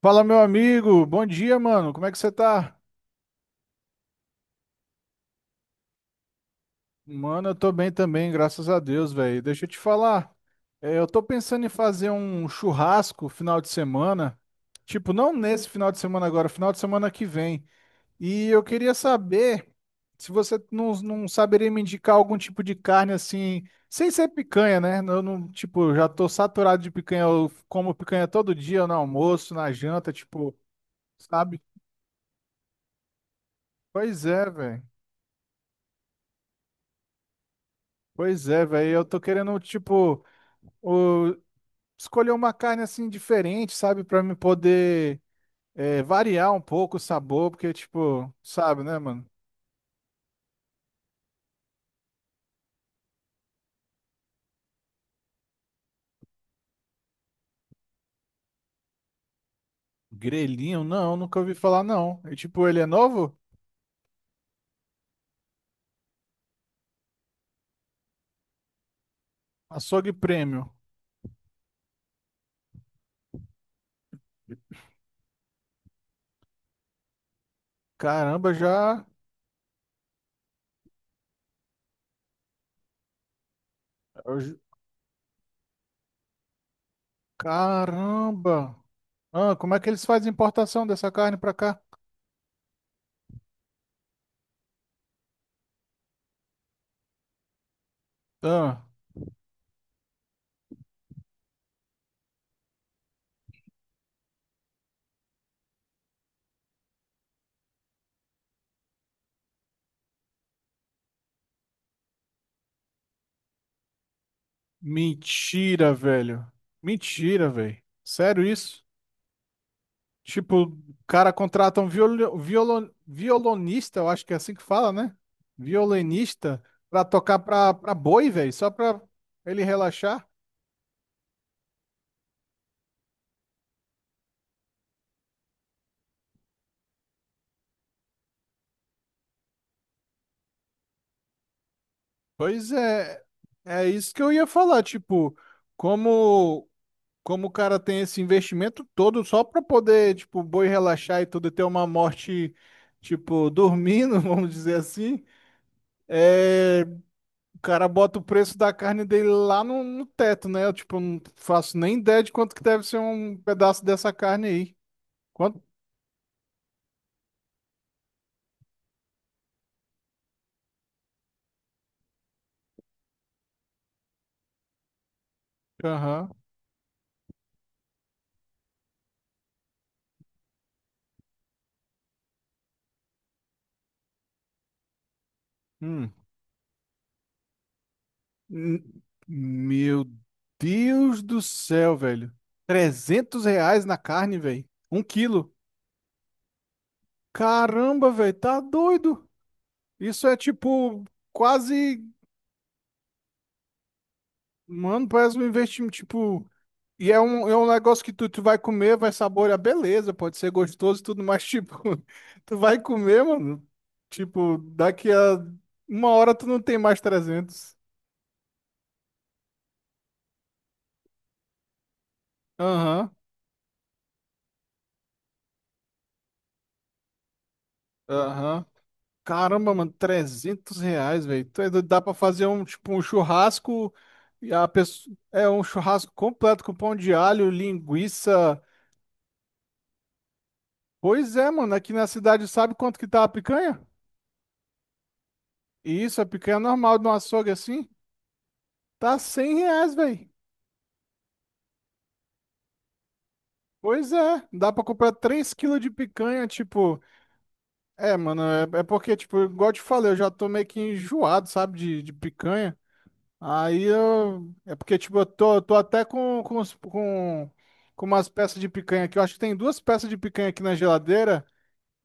Fala, meu amigo. Bom dia, mano. Como é que você tá? Mano, eu tô bem também, graças a Deus, velho. Deixa eu te falar. Eu tô pensando em fazer um churrasco final de semana. Tipo, não nesse final de semana agora, final de semana que vem. E eu queria saber se você não saberia me indicar algum tipo de carne assim, sem ser picanha, né? Eu não, tipo, já tô saturado de picanha. Eu como picanha todo dia, no almoço, na janta, tipo, sabe? Pois é, velho. Pois é, velho, eu tô querendo, tipo, o- escolher uma carne assim diferente, sabe? Pra me poder variar um pouco o sabor, porque, tipo, sabe, né, mano? Grelhinho, não, nunca ouvi falar, não. E, tipo, ele é novo? Açougue premium. Caramba, já. eu ju- Caramba! Ah, como é que eles fazem importação dessa carne pra cá? Ah, mentira, velho. Mentira, velho. Sério isso? Tipo, o cara contrata um violonista, eu acho que é assim que fala, né? Violinista, pra tocar pra boi, velho, só pra ele relaxar. Pois é, é isso que eu ia falar, tipo, como como o cara tem esse investimento todo só para poder, tipo, o boi relaxar e tudo, e ter uma morte, tipo, dormindo, vamos dizer assim. é, O cara bota o preço da carne dele lá no teto, né? Eu, tipo, eu não faço nem ideia de quanto que deve ser um pedaço dessa carne aí. Quanto? Aham. Hum. Hum. Meu Deus do céu, velho. R$ 300 na carne, velho. 1 quilo. Caramba, velho. Tá doido. Isso é tipo quase. Mano, parece um investimento. Tipo, e é um negócio que tu vai comer, vai saborear, beleza, pode ser gostoso e tudo, mas tipo, tu vai comer, mano, tipo, daqui a 1 hora tu não tem mais 300. Aham, aham. Caramba, mano, R$ 300, velho. Tu é doido. Dá pra fazer um, tipo, um churrasco, e a pessoa, é um churrasco completo com pão de alho, linguiça. Pois é, mano, aqui na cidade sabe quanto que tá a picanha? Isso, a picanha normal de um açougue assim, tá R$ 100, velho. Pois é, dá pra comprar 3 quilos de picanha, tipo. É, mano, é porque, tipo, igual eu te falei, eu já tô meio que enjoado, sabe, de picanha. Aí eu. É porque, tipo, eu tô até com umas peças de picanha aqui. Eu acho que tem duas peças de picanha aqui na geladeira.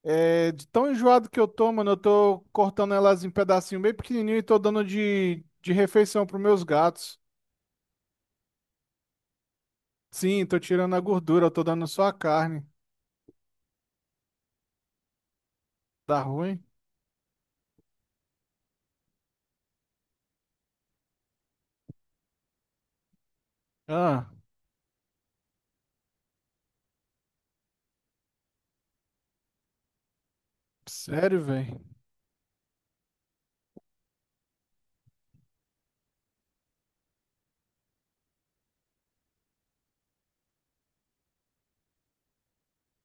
É, de tão enjoado que eu tô, mano, eu tô cortando elas em pedacinho bem pequenininho e tô dando de refeição pros meus gatos. Sim, tô tirando a gordura, eu tô dando só a carne. Tá ruim? Ah, sério, velho.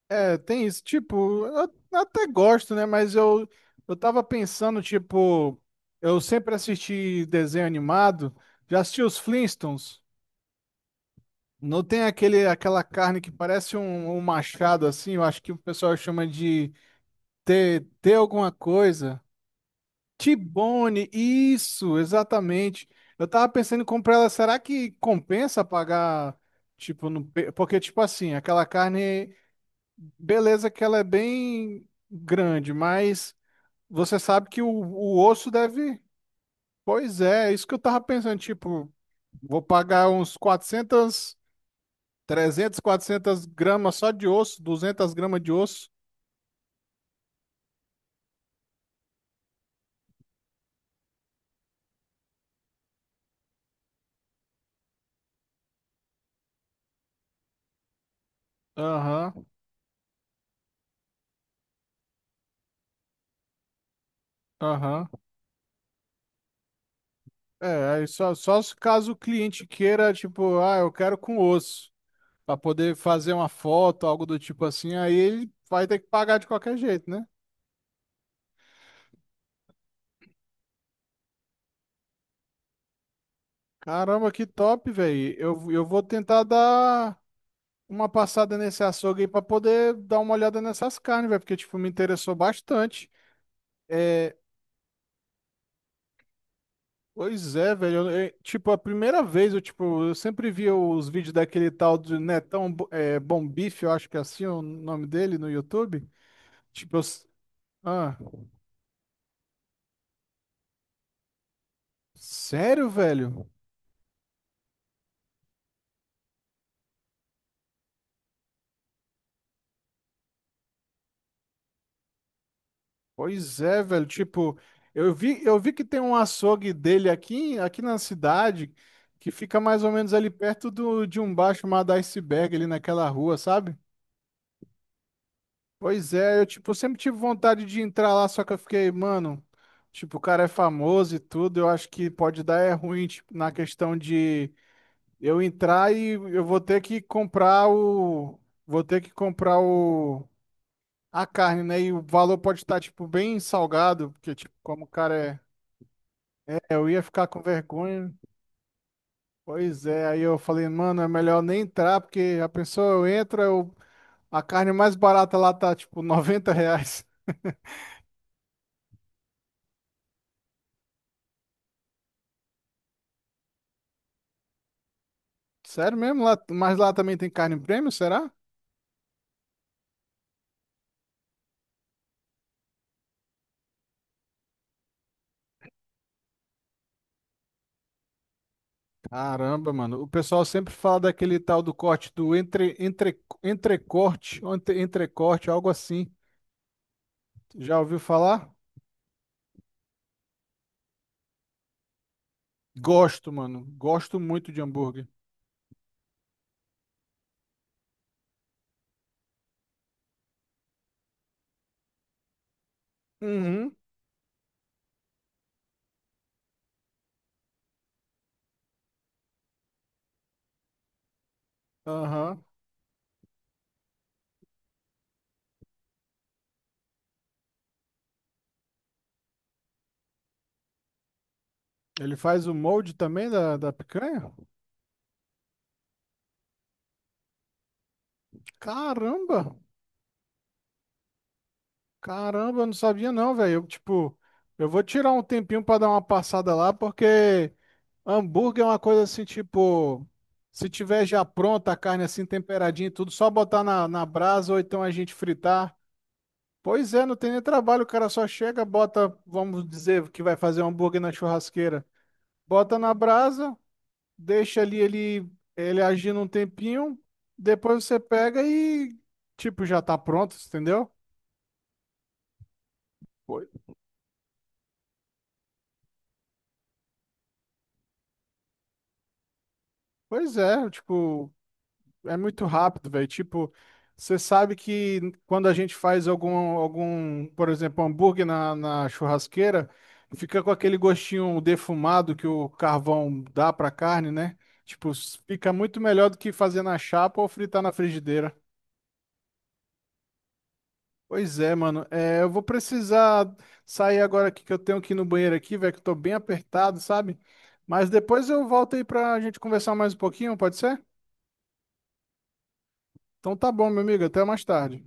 É, tem isso. Tipo, eu até gosto, né? Mas eu tava pensando, tipo, eu sempre assisti desenho animado, já assisti os Flintstones. Não tem aquele, aquela carne que parece um machado, assim, eu acho que o pessoal chama de ter alguma coisa. T-bone, isso, exatamente. Eu tava pensando em comprar ela, será que compensa pagar, tipo, no, pe- porque, tipo assim, aquela carne. Beleza que ela é bem grande, mas você sabe que o osso deve. Pois é, é isso que eu tava pensando, tipo, vou pagar uns 400, 300, 400 gramas só de osso, 200 gramas de osso. Aham, aham. É, aí só se caso o cliente queira, tipo, ah, eu quero com osso, pra poder fazer uma foto, algo do tipo assim, aí ele vai ter que pagar de qualquer jeito, né? Caramba, que top, velho. Eu vou tentar dar uma passada nesse açougue aí pra poder dar uma olhada nessas carnes, velho, porque, tipo, me interessou bastante. É, pois é, velho, tipo, a primeira vez, eu, tipo, eu sempre via os vídeos daquele tal de Netão Bom Bife, eu acho que é assim o nome dele no YouTube. Tipo, eu, ah, sério, velho? Pois é, velho, tipo, eu vi que tem um açougue dele aqui na cidade, que fica mais ou menos ali perto de um bar chamado Iceberg, ali naquela rua, sabe? Pois é, eu tipo, sempre tive vontade de entrar lá, só que eu fiquei, mano, tipo, o cara é famoso e tudo, eu acho que pode dar é ruim, tipo, na questão de eu entrar e eu vou ter que comprar o vou ter que comprar o a carne, né? E o valor pode estar tipo bem salgado, porque tipo, como o cara eu ia ficar com vergonha. Pois é, aí eu falei, mano, é melhor nem entrar, porque a pessoa eu entro, eu. A carne mais barata lá tá tipo R$ 90. Sério mesmo? Lá, mas lá também tem carne prêmio será? Caramba, mano. O pessoal sempre fala daquele tal do corte do entrecorte, ou entrecorte, algo assim. Já ouviu falar? Gosto, mano. Gosto muito de hambúrguer. Uhum. Aham. Ele faz o molde também da picanha? Caramba! Caramba, eu não sabia não, velho. Eu, tipo, eu vou tirar um tempinho pra dar uma passada lá, porque hambúrguer é uma coisa assim, tipo, se tiver já pronta a carne assim temperadinha e tudo, só botar na brasa ou então a gente fritar. Pois é, não tem nem trabalho, o cara só chega, bota, vamos dizer que vai fazer um hambúrguer na churrasqueira. Bota na brasa, deixa ali ele agindo um tempinho, depois você pega e, tipo, já tá pronto, entendeu? Pois pois é, tipo. É muito rápido, velho. Tipo, você sabe que quando a gente faz algum, por exemplo, hambúrguer na churrasqueira, fica com aquele gostinho defumado que o carvão dá pra carne, né? Tipo, fica muito melhor do que fazer na chapa ou fritar na frigideira. Pois é, mano. É, eu vou precisar sair agora aqui que eu tenho que ir no banheiro aqui, velho, que eu tô bem apertado, sabe? Mas depois eu volto aí pra gente conversar mais um pouquinho, pode ser? Então tá bom, meu amigo. Até mais tarde.